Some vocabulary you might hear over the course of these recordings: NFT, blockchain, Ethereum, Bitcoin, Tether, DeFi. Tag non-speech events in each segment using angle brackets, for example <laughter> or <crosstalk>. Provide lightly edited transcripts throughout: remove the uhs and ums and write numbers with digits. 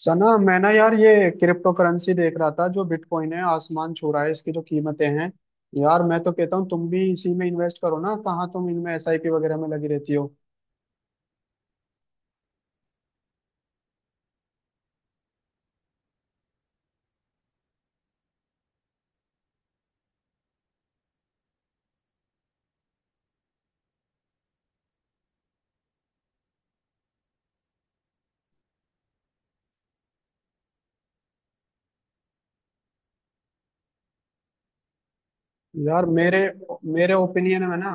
सना, मैं ना यार ये क्रिप्टो करेंसी देख रहा था। जो बिटकॉइन है आसमान छू रहा है, इसकी जो कीमतें हैं। यार मैं तो कहता हूँ तुम भी इसी में इन्वेस्ट करो ना। कहाँ तुम इनमें एसआईपी वगैरह में लगी रहती हो। यार मेरे मेरे ओपिनियन में ना,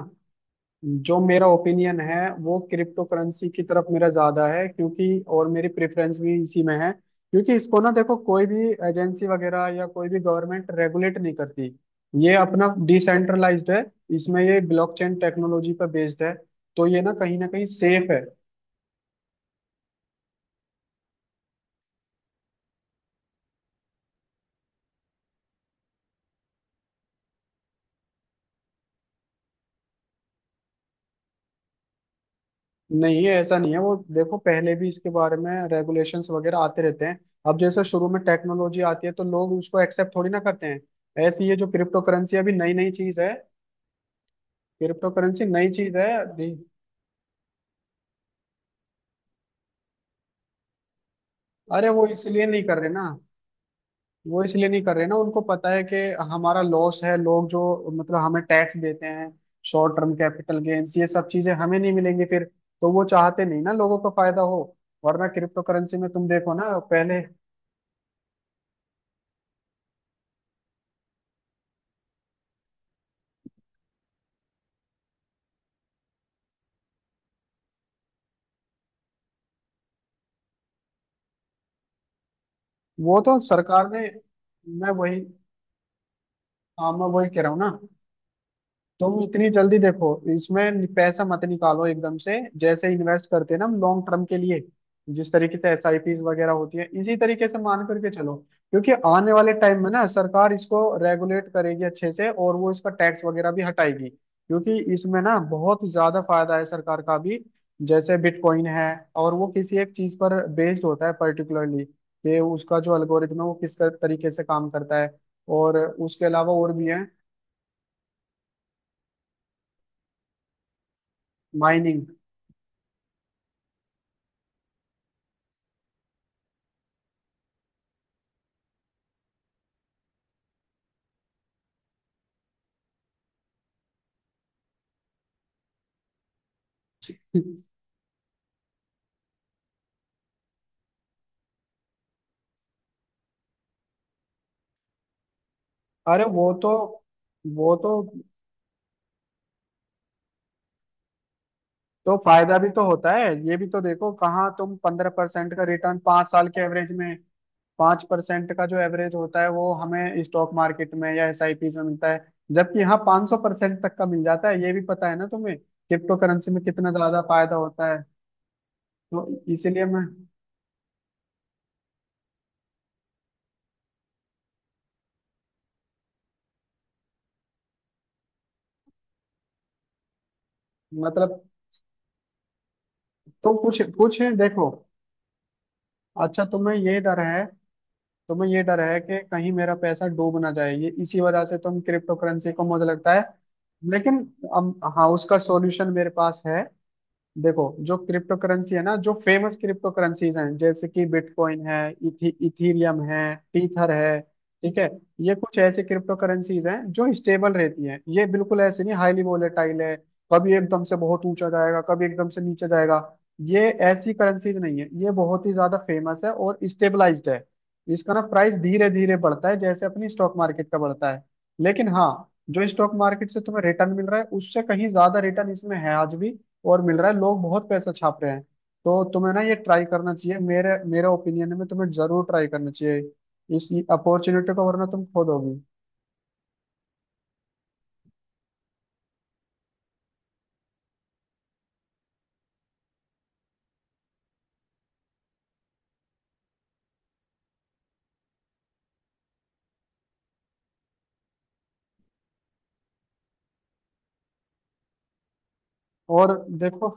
जो मेरा ओपिनियन है वो क्रिप्टो करेंसी की तरफ मेरा ज्यादा है, क्योंकि और मेरी प्रेफरेंस भी इसी में है। क्योंकि इसको ना देखो, कोई भी एजेंसी वगैरह या कोई भी गवर्नमेंट रेगुलेट नहीं करती। ये अपना डिसेंट्रलाइज्ड है। इसमें ये ब्लॉकचेन टेक्नोलॉजी पर बेस्ड है, तो ये ना कहीं सेफ है। नहीं ऐसा नहीं है, वो देखो पहले भी इसके बारे में रेगुलेशंस वगैरह आते रहते हैं। अब जैसे शुरू में टेक्नोलॉजी आती है तो लोग उसको एक्सेप्ट थोड़ी ना करते हैं। ऐसी ये जो क्रिप्टो करेंसी अभी नई नई चीज है, क्रिप्टो करेंसी नई चीज है। नहीं, अरे वो इसलिए नहीं कर रहे ना, वो इसलिए नहीं कर रहे ना, उनको पता है कि हमारा लॉस है। लोग जो मतलब हमें टैक्स देते हैं, शॉर्ट टर्म कैपिटल गेन्स ये सब चीजें हमें नहीं मिलेंगी फिर। तो वो चाहते नहीं ना लोगों को फायदा हो। वरना क्रिप्टो करेंसी में तुम देखो ना पहले, वो तो सरकार ने, मैं वही, हाँ मैं वही कह रहा हूँ ना। तुम इतनी जल्दी देखो, इसमें पैसा मत निकालो एकदम से। जैसे इन्वेस्ट करते हैं ना हम लॉन्ग टर्म के लिए, जिस तरीके से एसआईपीज वगैरह होती है इसी तरीके से मान करके चलो। क्योंकि आने वाले टाइम में ना सरकार इसको रेगुलेट करेगी अच्छे से, और वो इसका टैक्स वगैरह भी हटाएगी, क्योंकि इसमें ना बहुत ज्यादा फायदा है सरकार का भी। जैसे बिटकॉइन है, और वो किसी एक चीज पर बेस्ड होता है पर्टिकुलरली, कि उसका जो एल्गोरिथम है वो किस तरीके से काम करता है। और उसके अलावा और भी है। माइनिंग। <laughs> अरे वो तो फायदा भी तो होता है। ये भी तो देखो, कहाँ तुम 15% का रिटर्न 5 साल के एवरेज में, 5% का जो एवरेज होता है वो हमें स्टॉक मार्केट में या एसआईपी में मिलता है, जबकि यहाँ 500% तक का मिल जाता है। ये भी पता है ना तुम्हें क्रिप्टो करेंसी में कितना ज्यादा फायदा होता है। तो इसीलिए मैं, मतलब तो कुछ कुछ है देखो। अच्छा तुम्हें ये डर है, तुम्हें ये डर है कि कहीं मेरा पैसा डूब ना जाए, ये इसी वजह से तुम क्रिप्टो करेंसी को मुझे लगता है। लेकिन हाँ, उसका सॉल्यूशन मेरे पास है। देखो, जो क्रिप्टो करेंसी है ना, जो फेमस क्रिप्टो करेंसीज हैं, जैसे कि बिटकॉइन है, इथीरियम है, टीथर है। ठीक है। ये कुछ ऐसे क्रिप्टो करेंसीज हैं जो स्टेबल रहती हैं। ये बिल्कुल ऐसे नहीं हाईली वोलेटाइल है कभी एकदम से बहुत ऊंचा जाएगा, कभी एकदम से नीचे जाएगा। ये ऐसी करेंसीज नहीं है। ये बहुत ही ज्यादा फेमस है और स्टेबलाइज्ड है। इसका ना प्राइस धीरे धीरे बढ़ता है, जैसे अपनी स्टॉक मार्केट का बढ़ता है। लेकिन हाँ, जो स्टॉक मार्केट से तुम्हें रिटर्न मिल रहा है उससे कहीं ज्यादा रिटर्न इसमें है आज भी, और मिल रहा है, लोग बहुत पैसा छाप रहे हैं। तो तुम्हें ना ये ट्राई करना चाहिए, मेरे मेरे ओपिनियन में तुम्हें जरूर ट्राई करना चाहिए इस अपॉर्चुनिटी को, वरना तुम खो दोगी। और देखो।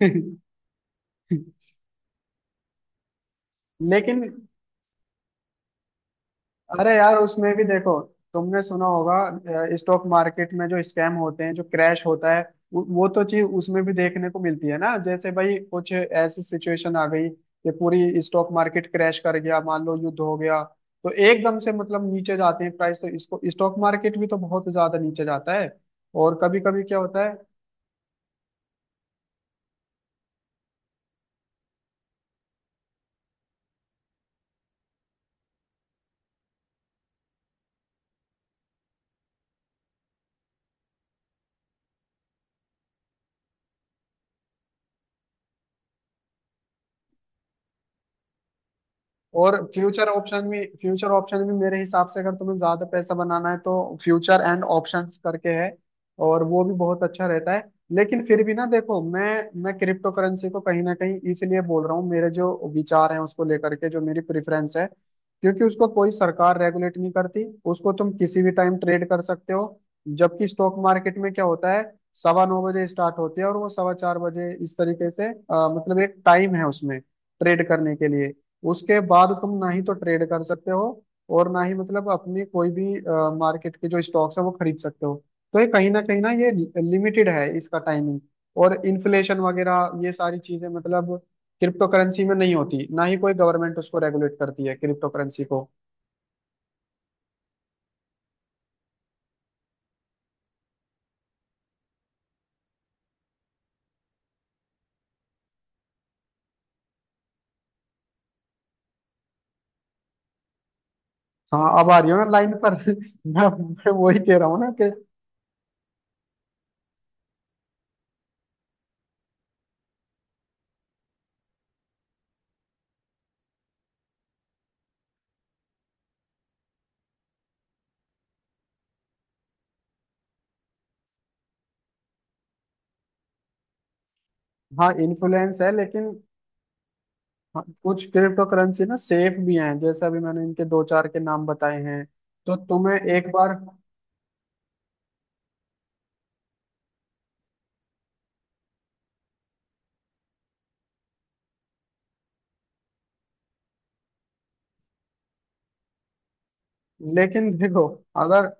<laughs> लेकिन अरे यार, उसमें भी देखो, तुमने सुना होगा स्टॉक मार्केट में जो स्कैम होते हैं, जो क्रैश होता है, वो तो चीज उसमें भी देखने को मिलती है ना। जैसे भाई कुछ ऐसी सिचुएशन आ गई कि पूरी स्टॉक मार्केट क्रैश कर गया, मान लो युद्ध हो गया, तो एकदम से मतलब नीचे जाते हैं प्राइस, तो इसको स्टॉक मार्केट भी तो बहुत ज्यादा नीचे जाता है। और कभी कभी क्या होता है। और फ्यूचर ऑप्शन भी, फ्यूचर ऑप्शन भी मेरे हिसाब से, अगर तुम्हें ज्यादा पैसा बनाना है तो फ्यूचर एंड ऑप्शंस करके है, और वो भी बहुत अच्छा रहता है। लेकिन फिर भी ना देखो, मैं क्रिप्टो करेंसी को कहीं ना कहीं इसलिए बोल रहा हूँ, मेरे जो विचार हैं उसको लेकर के, जो मेरी प्रेफरेंस है। क्योंकि उसको कोई सरकार रेगुलेट नहीं करती, उसको तुम किसी भी टाइम ट्रेड कर सकते हो, जबकि स्टॉक मार्केट में क्या होता है, 9:15 बजे स्टार्ट होती है और वो 4:15 बजे, इस तरीके से मतलब एक टाइम है उसमें ट्रेड करने के लिए। उसके बाद तुम ना ही तो ट्रेड कर सकते हो, और ना ही मतलब अपनी कोई भी मार्केट के जो स्टॉक्स है वो खरीद सकते हो। तो ये कहीं ना कहीं ना, ये लिमिटेड है इसका टाइमिंग। और इन्फ्लेशन वगैरह ये सारी चीजें मतलब क्रिप्टो करेंसी में नहीं होती, ना ही कोई गवर्नमेंट उसको रेगुलेट करती है क्रिप्टो करेंसी को। हाँ अब आ रही हो ना लाइन पर। <laughs> मैं वही कह रहा हूँ ना कि हाँ इन्फ्लुएंस है, लेकिन हाँ, कुछ क्रिप्टो करेंसी ना सेफ भी हैं, जैसे अभी मैंने इनके दो चार के नाम बताए हैं। तो तुम्हें एक बार, लेकिन देखो, अगर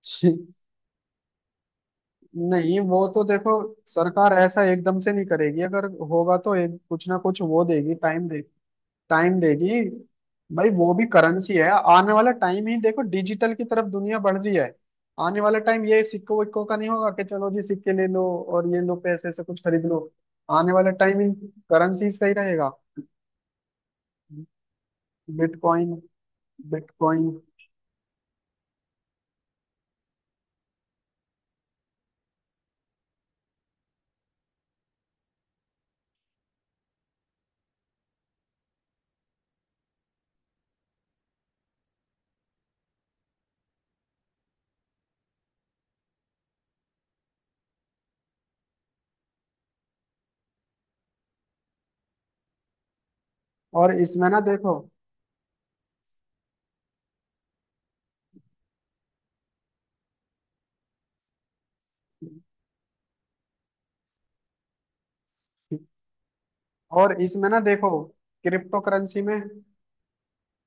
छी-, नहीं वो तो देखो, सरकार ऐसा एकदम से नहीं करेगी। अगर होगा तो एक कुछ ना कुछ वो देगी, टाइम देगी। भाई वो भी करेंसी है, आने वाला टाइम ही देखो, डिजिटल की तरफ दुनिया बढ़ रही है। आने वाला टाइम ये सिक्कों विक्कों का नहीं होगा कि चलो जी सिक्के ले लो और ये लो पैसे से कुछ खरीद लो। आने वाला टाइम ही करेंसीज का ही रहेगा। Bitcoin bitcoin. और इसमें ना देखो और इसमें ना देखो। क्रिप्टो करेंसी में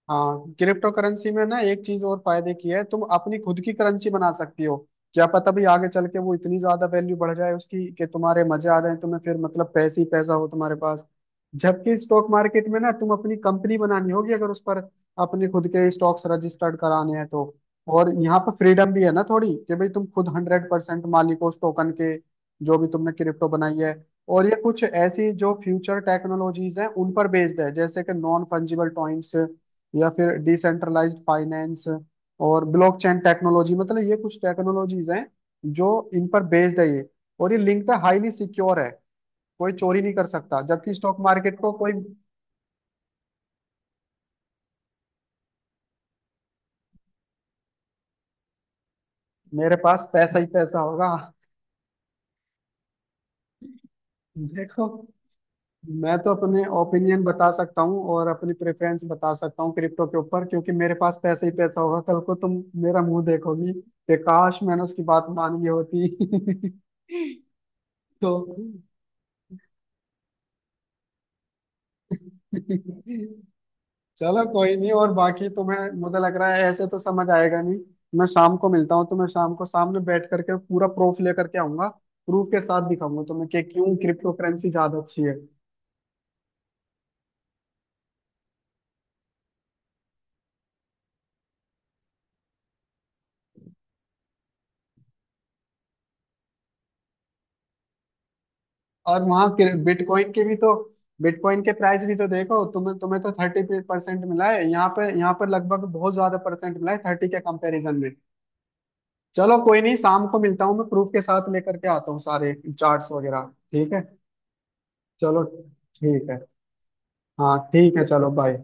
हाँ, क्रिप्टो करेंसी में ना एक चीज और फायदे की है, तुम अपनी खुद की करेंसी बना सकती हो। क्या पता भी आगे चल के वो इतनी ज्यादा वैल्यू बढ़ जाए उसकी कि तुम्हारे मजे आ जाए, तुम्हें फिर मतलब पैसे ही पैसा हो तुम्हारे पास। जबकि स्टॉक मार्केट में ना तुम अपनी कंपनी बनानी होगी, अगर उस पर अपने खुद के स्टॉक्स रजिस्टर्ड कराने हैं तो। और यहाँ पर फ्रीडम भी है ना थोड़ी, कि भाई तुम खुद 100% मालिक हो उस टोकन के, जो भी तुमने क्रिप्टो बनाई है। और ये कुछ ऐसी जो फ्यूचर टेक्नोलॉजीज हैं उन पर बेस्ड है, जैसे कि नॉन फंजिबल टॉइंट्स या फिर डिसेंट्रलाइज्ड फाइनेंस और ब्लॉकचेन टेक्नोलॉजी। मतलब ये कुछ टेक्नोलॉजीज हैं जो, इन पर बेस्ड है ये। और ये लिंक है, हाईली सिक्योर है, कोई चोरी नहीं कर सकता, जबकि स्टॉक मार्केट को कोई, मेरे पास पैसा ही पैसा होगा। देखो, मैं तो अपने ओपिनियन बता सकता हूँ और अपनी प्रेफरेंस बता सकता हूँ क्रिप्टो के ऊपर, क्योंकि मेरे पास पैसा ही पैसा होगा। कल को तुम मेरा मुंह देखोगी कि काश मैंने उसकी बात मान ली होती। <laughs> तो <laughs> चलो कोई नहीं, और बाकी तुम्हें मुझे लग रहा है ऐसे तो समझ आएगा नहीं। मैं शाम को मिलता हूँ तुम्हें, शाम को सामने बैठ करके पूरा प्रूफ लेकर के आऊंगा, प्रूफ के साथ दिखाऊंगा तुम्हें कि क्यों क्रिप्टो करेंसी ज्यादा अच्छी है। और वहाँ बिटकॉइन के भी तो बिटकॉइन के प्राइस भी तो देखो, तुम्हें तुम्हें तो 30% मिला है यहाँ पे, यहाँ पर लगभग बहुत ज्यादा परसेंट मिला है 30 के कंपैरिजन में। चलो कोई नहीं, शाम को मिलता हूँ, मैं प्रूफ के साथ लेकर के आता हूँ सारे चार्ट्स वगैरह। ठीक है, चलो। ठीक है, हाँ ठीक है, चलो बाय।